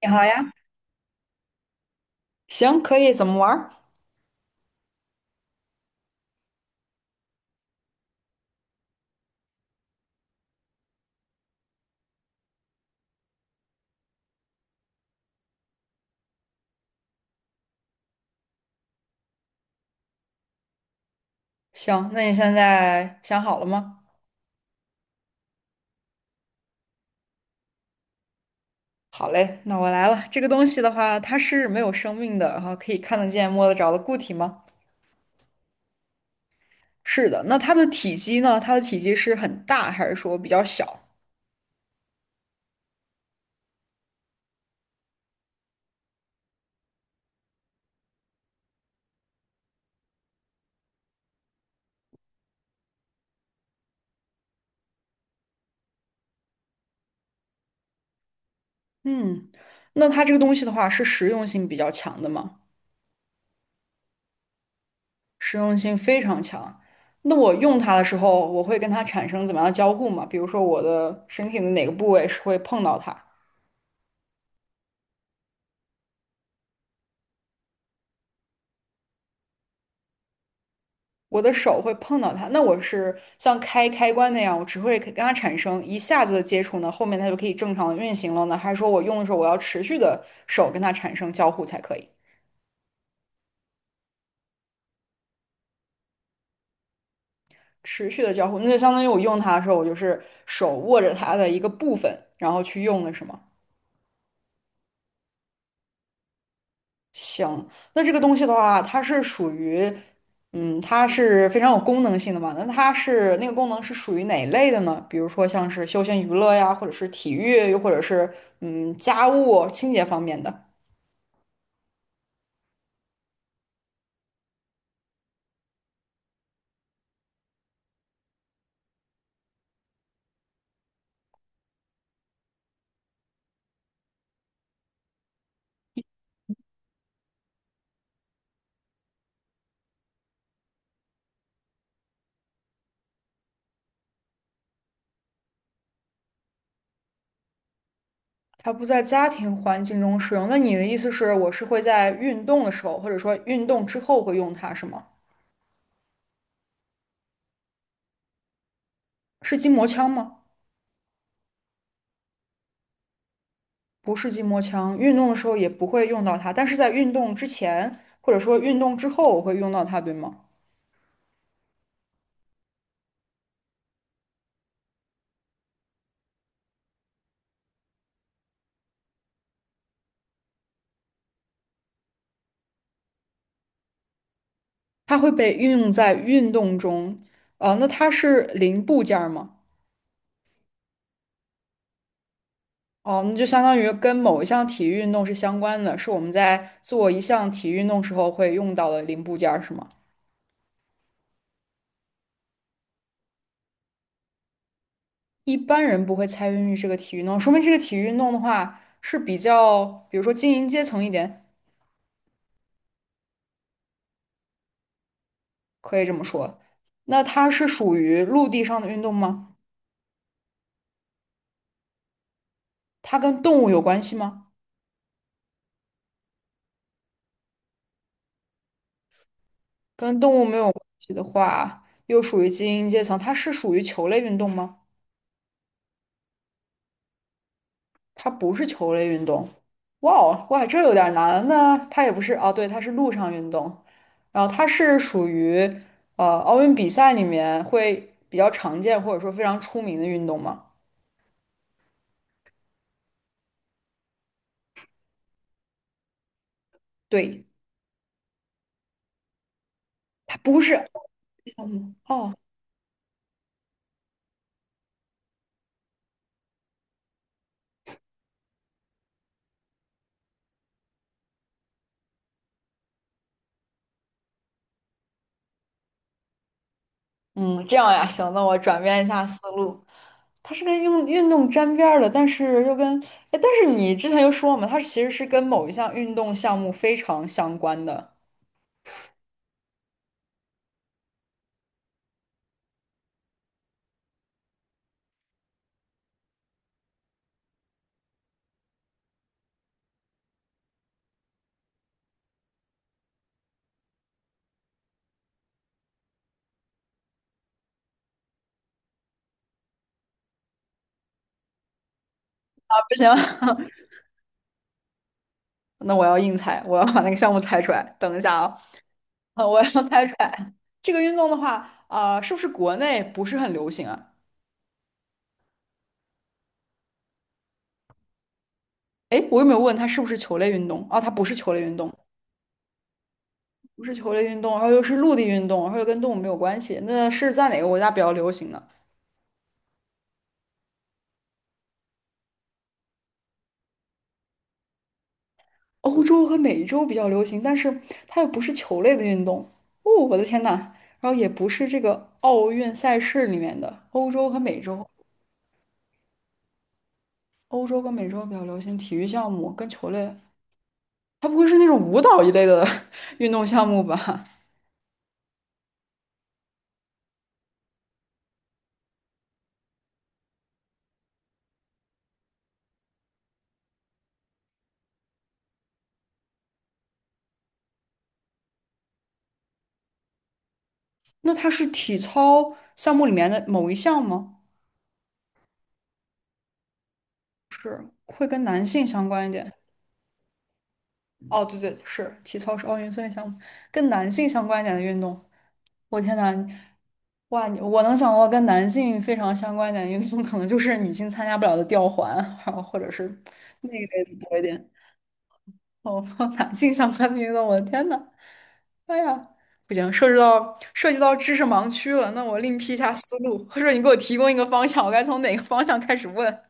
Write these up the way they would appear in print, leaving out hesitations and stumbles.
你好呀，行，可以，怎么玩儿？行，那你现在想好了吗？好嘞，那我来了。这个东西的话，它是没有生命的，然后可以看得见、摸得着的固体吗？是的。那它的体积呢？它的体积是很大，还是说比较小？嗯，那它这个东西的话，是实用性比较强的吗？实用性非常强。那我用它的时候，我会跟它产生怎么样的交互吗？比如说，我的身体的哪个部位是会碰到它？我的手会碰到它。那我是像开开关那样，我只会跟它产生一下子的接触呢，后面它就可以正常的运行了呢？还是说我用的时候我要持续的手跟它产生交互才可以？持续的交互，那就相当于我用它的时候，我就是手握着它的一个部分，然后去用的是吗？行，那这个东西的话，它是属于，嗯，它是非常有功能性的嘛？那它是那个功能是属于哪一类的呢？比如说像是休闲娱乐呀，或者是体育，又或者是嗯家务清洁方面的。它不在家庭环境中使用。那你的意思是，我是会在运动的时候，或者说运动之后会用它，是吗？是筋膜枪吗？不是筋膜枪，运动的时候也不会用到它，但是在运动之前或者说运动之后我会用到它，对吗？它会被运用在运动中，那它是零部件儿吗？哦，那就相当于跟某一项体育运动是相关的，是我们在做一项体育运动时候会用到的零部件儿，是吗？一般人不会参与这个体育运动，说明这个体育运动的话是比较，比如说精英阶层一点，可以这么说。那它是属于陆地上的运动吗？它跟动物有关系吗？跟动物没有关系的话，又属于精英阶层，它是属于球类运动吗？它不是球类运动。哇哦，哇，这有点难。呢。它也不是哦，对，它是陆上运动，然后它是属于奥运比赛里面会比较常见或者说非常出名的运动吗？对，它不是。哦，嗯，这样呀，行，那我转变一下思路。它是跟运动沾边儿的，但是又跟，哎，但是你之前又说嘛，它其实是跟某一项运动项目非常相关的。啊。不行，那我要硬猜，我要把那个项目猜出来。等一下啊，我要出来这个运动的话，啊、是不是国内不是很流行啊？哎，我有没有问它是不是球类运动？啊，它不是球类运动，不是球类运动，然后又是陆地运动，然后又跟动物没有关系，那是在哪个国家比较流行呢？欧洲和美洲比较流行，但是它又不是球类的运动。哦，我的天呐，然后也不是这个奥运赛事里面的欧洲和美洲，欧洲跟美洲比较流行体育项目跟球类，它不会是那种舞蹈一类的 运动项目吧？那它是体操项目里面的某一项吗？会跟男性相关一点？哦，对对，是体操是奥运会项目，跟男性相关一点的运动。我天呐，哇，你我能想到跟男性非常相关一点的运动，可能就是女性参加不了的吊环，然后或者是那个类的多一点。哦，男性相关的运动，我的天呐，哎呀，不行，涉及到知识盲区了。那我另辟一下思路，或者你给我提供一个方向，我该从哪个方向开始问？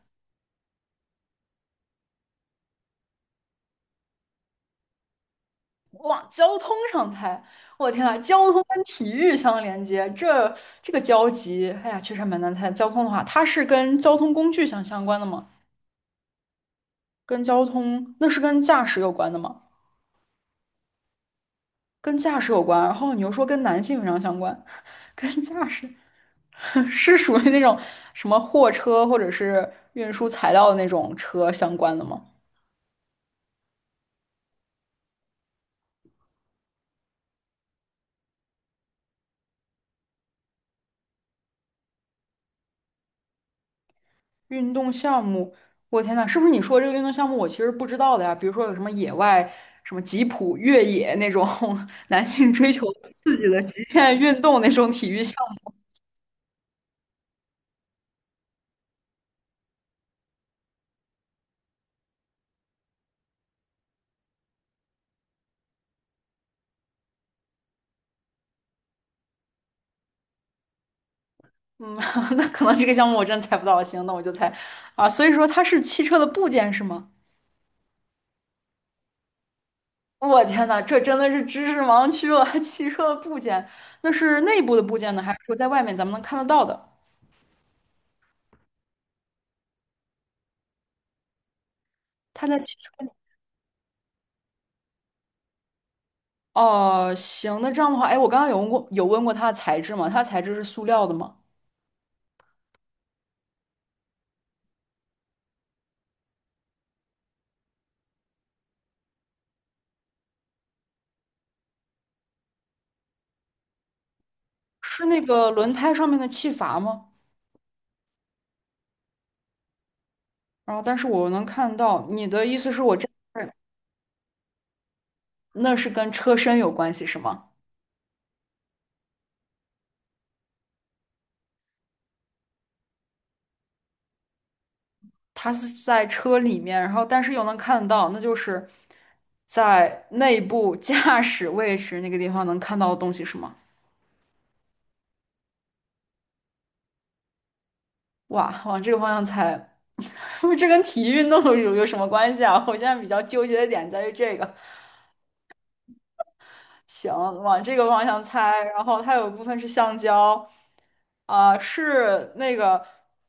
往交通上猜，我天啊，交通跟体育相连接，这个交集，哎呀，确实还蛮难猜。交通的话，它是跟交通工具相关的吗？跟交通，那是跟驾驶有关的吗？跟驾驶有关，然后你又说跟男性非常相关，跟驾驶 是属于那种什么货车或者是运输材料的那种车相关的吗？运动项目，我天呐，是不是你说这个运动项目我其实不知道的呀？比如说有什么野外、什么吉普越野那种 男性追求刺激的极限运动那种体育项目，嗯，那可能这个项目我真猜不到。行，那我就猜啊，所以说它是汽车的部件是吗？我天呐，这真的是知识盲区了。汽车的部件，那是内部的部件呢，还是说在外面咱们能看得到的？它在汽车里。哦，行，那这样的话，哎，我刚刚有问过，有问过它的材质吗？它的材质是塑料的吗？是那个轮胎上面的气阀吗？然后，但是我能看到你的意思是我这那是跟车身有关系是吗？它是在车里面，然后但是又能看到，那就是在内部驾驶位置那个地方能看到的东西是吗？哇，往这个方向猜，这跟体育运动有什么关系啊？我现在比较纠结的点在于这个，行，往这个方向猜。然后它有一部分是橡胶，啊、是那个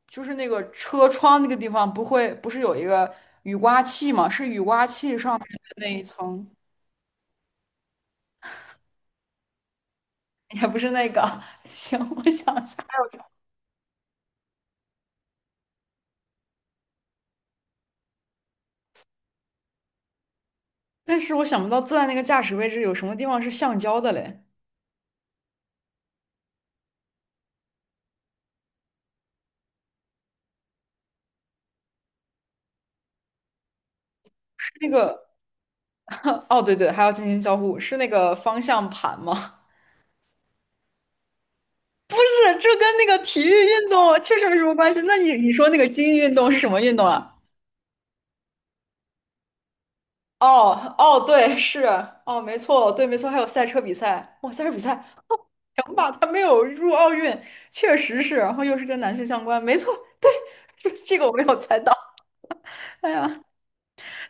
就是那个车窗那个地方不会不是有一个雨刮器吗？是雨刮器上面的那一层，也不是那个。行，我想一下，但是我想不到坐在那个驾驶位置有什么地方是橡胶的嘞？是那个 哦，对对，还要进行交互，是那个方向盘吗？不是，这跟那个体育运动确实没什么关系。那你说那个精英运动是什么运动啊？哦哦，对，是哦，没错，对，没错，还有赛车比赛，哇，赛车比赛，哦，行吧，他没有入奥运，确实是，然后又是跟男性相关，没错，对，这个我没有猜到，哎呀，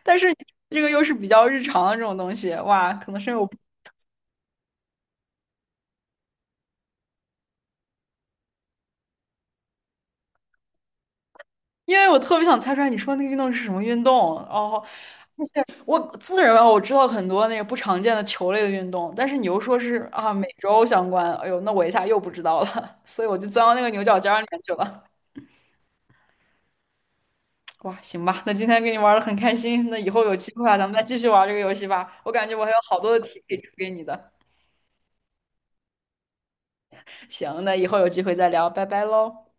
但是这个又是比较日常的这种东西，哇，可能是因为我，因为我特别想猜出来你说那个运动是什么运动，哦，而且我自认为啊我知道很多那个不常见的球类的运动，但是你又说是啊美洲相关，哎呦，那我一下又不知道了，所以我就钻到那个牛角尖儿里面去了。哇，行吧，那今天跟你玩的很开心，那以后有机会啊，咱们再继续玩这个游戏吧。我感觉我还有好多的题可以出给你的。行，那以后有机会再聊，拜拜喽。